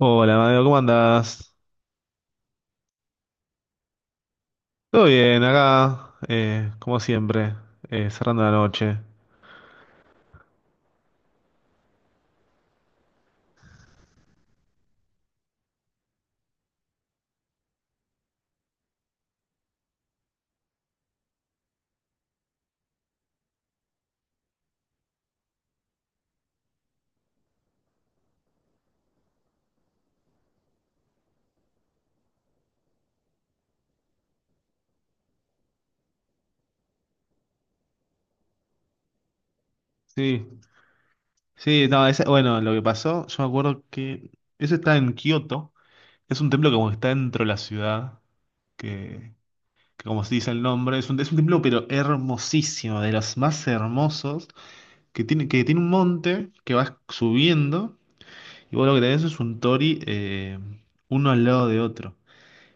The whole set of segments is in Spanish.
Hola, Mateo, ¿cómo andás? Todo bien, acá, como siempre, cerrando la noche. Sí, sí, no, bueno, lo que pasó, yo me acuerdo que eso está en Kioto, es un templo que como que está dentro de la ciudad, que, que como se dice el nombre, es un templo pero hermosísimo, de los más hermosos, que tiene un monte que vas subiendo, y vos lo que tenés es un tori uno al lado de otro.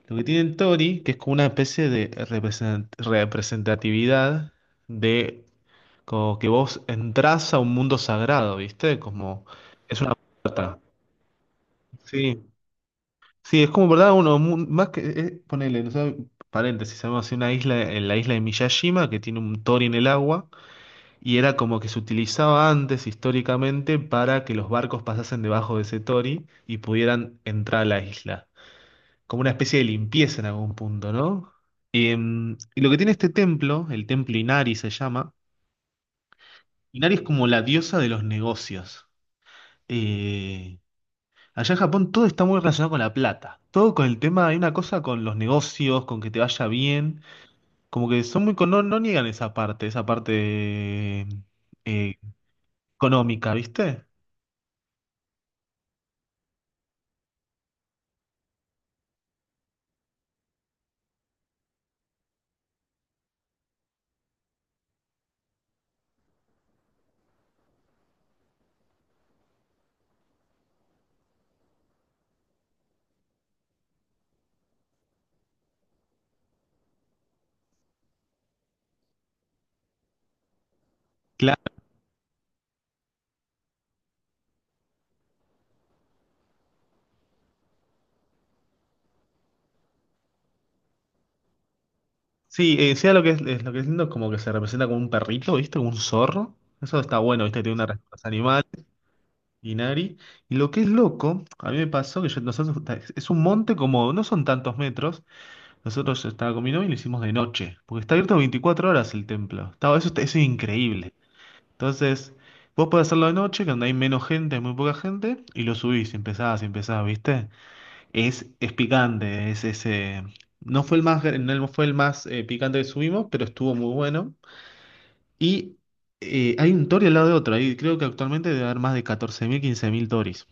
Lo que tiene el Tori, que es como una especie de representatividad de como que vos entras a un mundo sagrado, ¿viste? Como es una puerta. Sí, sí, es como, ¿verdad? Uno, más que, ponele, no sé, paréntesis, sabemos así, una isla, en la isla de Miyajima, que tiene un Tori en el agua, y era como que se utilizaba antes históricamente para que los barcos pasasen debajo de ese Tori y pudieran entrar a la isla. Como una especie de limpieza en algún punto, ¿no? Y lo que tiene este templo, el templo Inari se llama. Inari es como la diosa de los negocios. Eh, Allá en Japón todo está muy relacionado con la plata, todo con el tema, hay una cosa con los negocios, con que te vaya bien, como que son muy, no, no niegan esa parte eh, económica, ¿viste? Claro. Sí, sea lo que es lo que es lindo, como que se representa como un perrito, ¿viste? Como un zorro. Eso está bueno, ¿viste? Tiene una respuesta animal. Inari. Y lo que es loco, a mí me pasó que nosotros, es un monte como, no son tantos metros, nosotros yo estaba con mi novia y lo hicimos de noche, porque está abierto 24 horas el templo. Estaba, eso, eso es increíble. Entonces, vos podés hacerlo de noche, que donde hay menos gente, hay muy poca gente, y lo subís, y empezás, ¿viste? Es picante, es ese... No fue el más, gr- No fue el más picante que subimos, pero estuvo muy bueno. Y hay un tori al lado de otro, ahí creo que actualmente debe haber más de 14.000, 15.000 toris.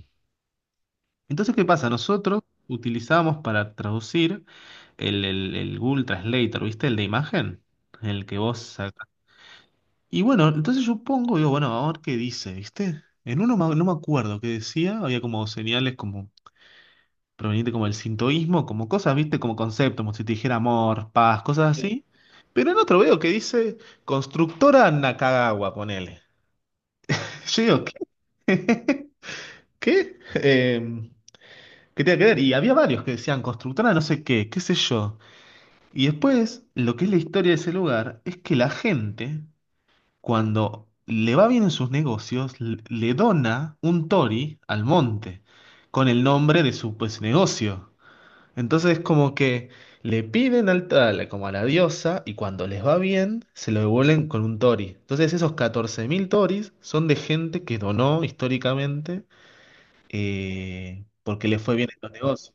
Entonces, ¿qué pasa? Nosotros utilizamos para traducir el Google Translator, ¿viste? El de imagen, el que vos sacas. Y bueno, entonces yo pongo, digo, bueno, a ver qué dice, ¿viste? En uno no me acuerdo qué decía, había como señales como proveniente como del sintoísmo, como cosas, ¿viste? Como conceptos, como si te dijera amor, paz, cosas, sí, así. Pero en otro veo que dice constructora Nakagawa, ponele. Yo digo, ¿qué? ¿Qué? ¿Qué tiene que ver? Y había varios que decían constructora no sé qué, qué sé yo. Y después, lo que es la historia de ese lugar es que la gente, cuando le va bien en sus negocios, le dona un tori al monte con el nombre de su pues negocio. Entonces, como que le piden al tal, como a la diosa, y cuando les va bien, se lo devuelven con un tori. Entonces, esos 14.000 toris son de gente que donó históricamente porque le fue bien en los negocios.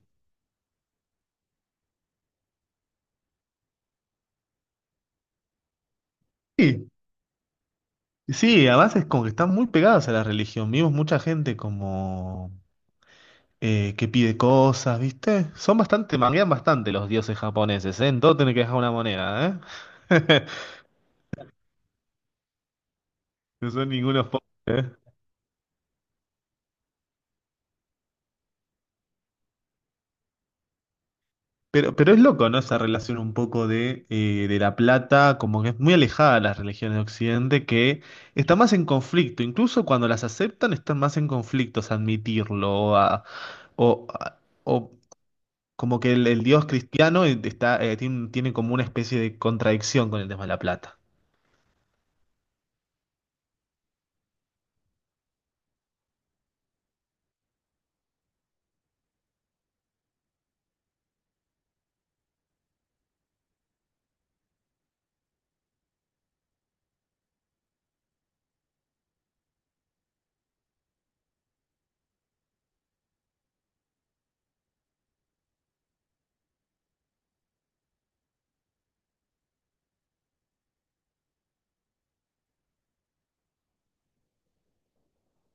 Sí, sí, además es como que están muy pegadas a la religión. Vimos mucha gente como que pide cosas, ¿viste? Son bastante, manguean bastante los dioses japoneses, ¿eh? En todo tienen que dejar una moneda, ¿eh? No son ningunos pobres, ¿eh? Pero es loco, ¿no? Esa relación un poco de la plata, como que es muy alejada de las religiones de Occidente, que está más en conflicto. Incluso cuando las aceptan, están más en conflictos, admitirlo o, Como que el dios cristiano tiene como una especie de contradicción con el tema de la plata.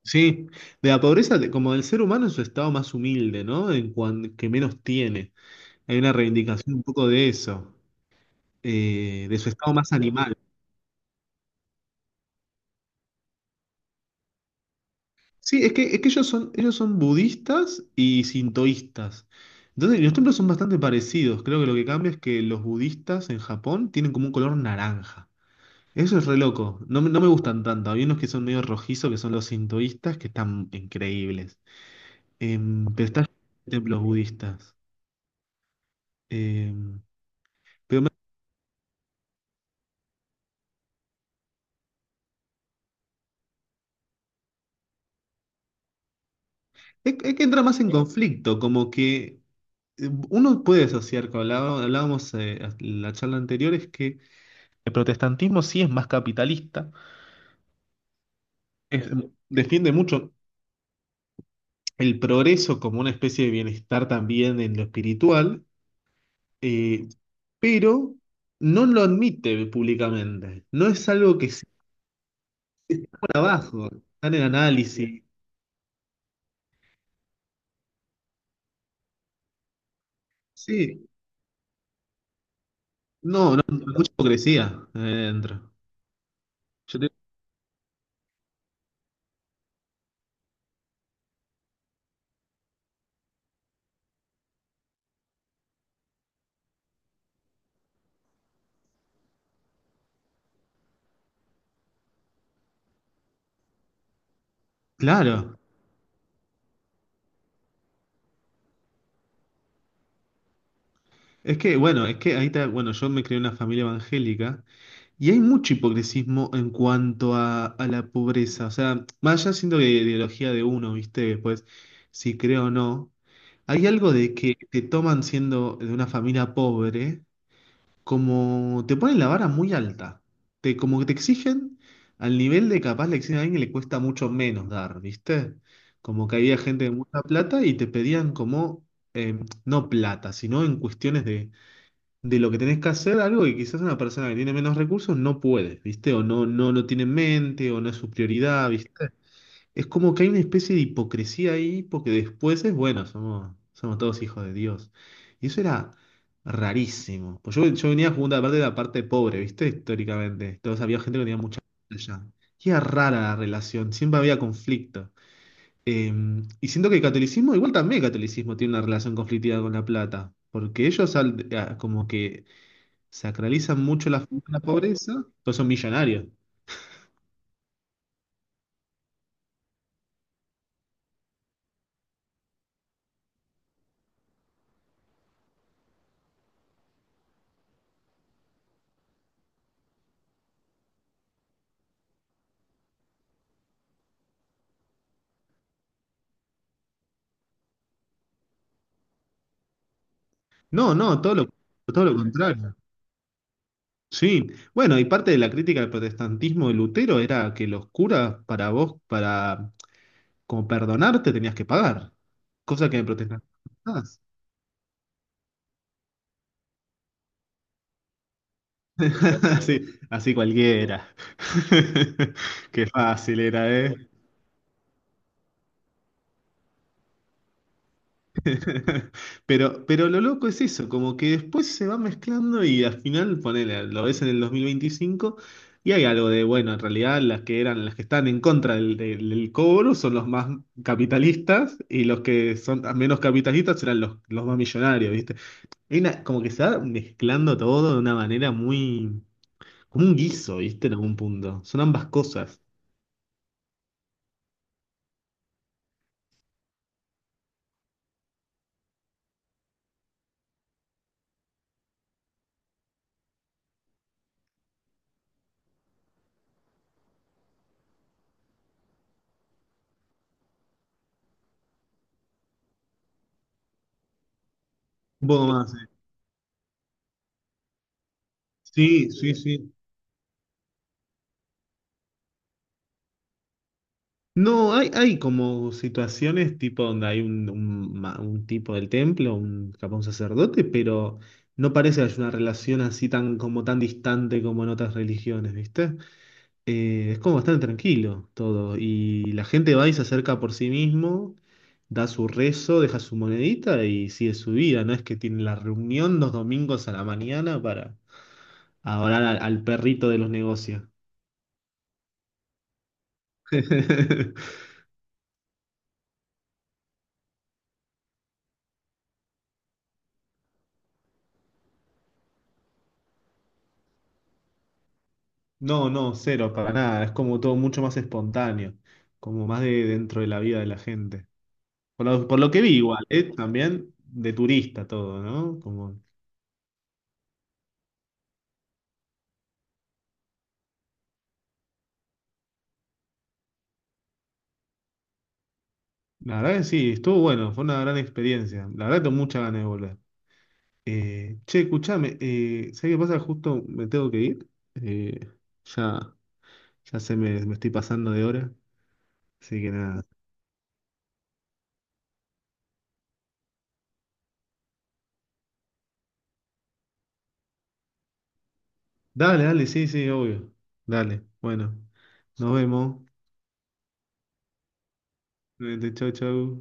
Sí, de la pobreza, como del ser humano en su estado más humilde, ¿no? En que menos tiene. Hay una reivindicación un poco de eso, de su estado más animal. Sí, es que ellos son budistas y sintoístas. Entonces, los templos son bastante parecidos. Creo que lo que cambia es que los budistas en Japón tienen como un color naranja. Eso es re loco. No, me no me gustan tanto. Hay unos que son medio rojizos, que son los sintoístas, que están increíbles. Pero están templos budistas. Em, pero es que entra más en conflicto, como que uno puede asociar, como hablábamos, en la charla anterior, es que el protestantismo sí es más capitalista. Es- mm, Defiende mucho el progreso como una especie de bienestar también en lo espiritual. Eh, pero no lo admite públicamente. No es algo que se por abajo. Está en el análisis. Sí, no, no, no, no mucha hipocresía dentro. Yo te- Claro, es que, bueno, es que ahí está, bueno, yo me crié en una familia evangélica y hay mucho hipocresismo en cuanto a la pobreza. O sea, más allá siendo de ideología de uno, ¿viste? Pues, si creo o no, hay algo de que te toman siendo de una familia pobre como te ponen la vara muy alta. Como que te exigen al nivel de capaz le exigen a alguien que le cuesta mucho menos dar, ¿viste? Como que había gente de mucha plata y te pedían como, eh, no plata, sino en cuestiones de lo que tenés que hacer, algo que quizás una persona que tiene menos recursos no puede, ¿viste? O no lo tiene en mente, o no es su prioridad, ¿viste? Es como que hay una especie de hipocresía ahí, porque después es bueno, somos todos hijos de Dios. Y eso era rarísimo. Pues yo venía jugando aparte de la parte pobre, ¿viste? Históricamente. Entonces había gente que tenía mucha plata. Y era rara la relación, siempre había conflicto. Eh, y siento que el catolicismo, igual también el catolicismo tiene una relación conflictiva con la plata, porque ellos como que sacralizan mucho la pobreza, todos son millonarios. No, no, todo lo contrario. Sí, bueno, y parte de la crítica del protestantismo de Lutero era que los curas, para como perdonarte, tenías que pagar, cosa que en el protestantismo no estás. Así, así cualquiera. Qué fácil era, ¿eh? Pero lo loco es eso, como que después se va mezclando y al final, ponele, lo ves en el 2025 y hay algo de, bueno, en realidad las que eran, las que están en contra del cobro son los más capitalistas y los que son menos capitalistas serán los más millonarios, ¿viste? Hay como que se va mezclando todo de una manera muy, como un guiso, ¿viste? En algún punto. Son ambas cosas. Un poco más, ¿eh? Sí, sí, sí. No, hay como situaciones tipo donde hay un tipo del templo, un, capaz un sacerdote, pero no parece que haya una relación así tan, como tan distante como en otras religiones, ¿viste? Es como bastante tranquilo todo. Y la gente va y se acerca por sí mismo, da su rezo, deja su monedita y sigue su vida. No es que tiene la reunión los domingos a la mañana para adorar al perrito de los negocios. No, no, cero, para nada. Es como todo mucho más espontáneo, como más de dentro de la vida de la gente. Por lo que vi igual, ¿eh? También de turista todo, ¿no? Como, la verdad que sí, estuvo bueno, fue una gran experiencia. La verdad tengo muchas ganas de volver. Che, escuchame, ¿sabés qué pasa? Justo me tengo que ir. Eh, ya, ya se me estoy pasando de hora, así que nada. Dale, dale, sí, sí, obvio. Dale, bueno, nos vemos. Chau, chau.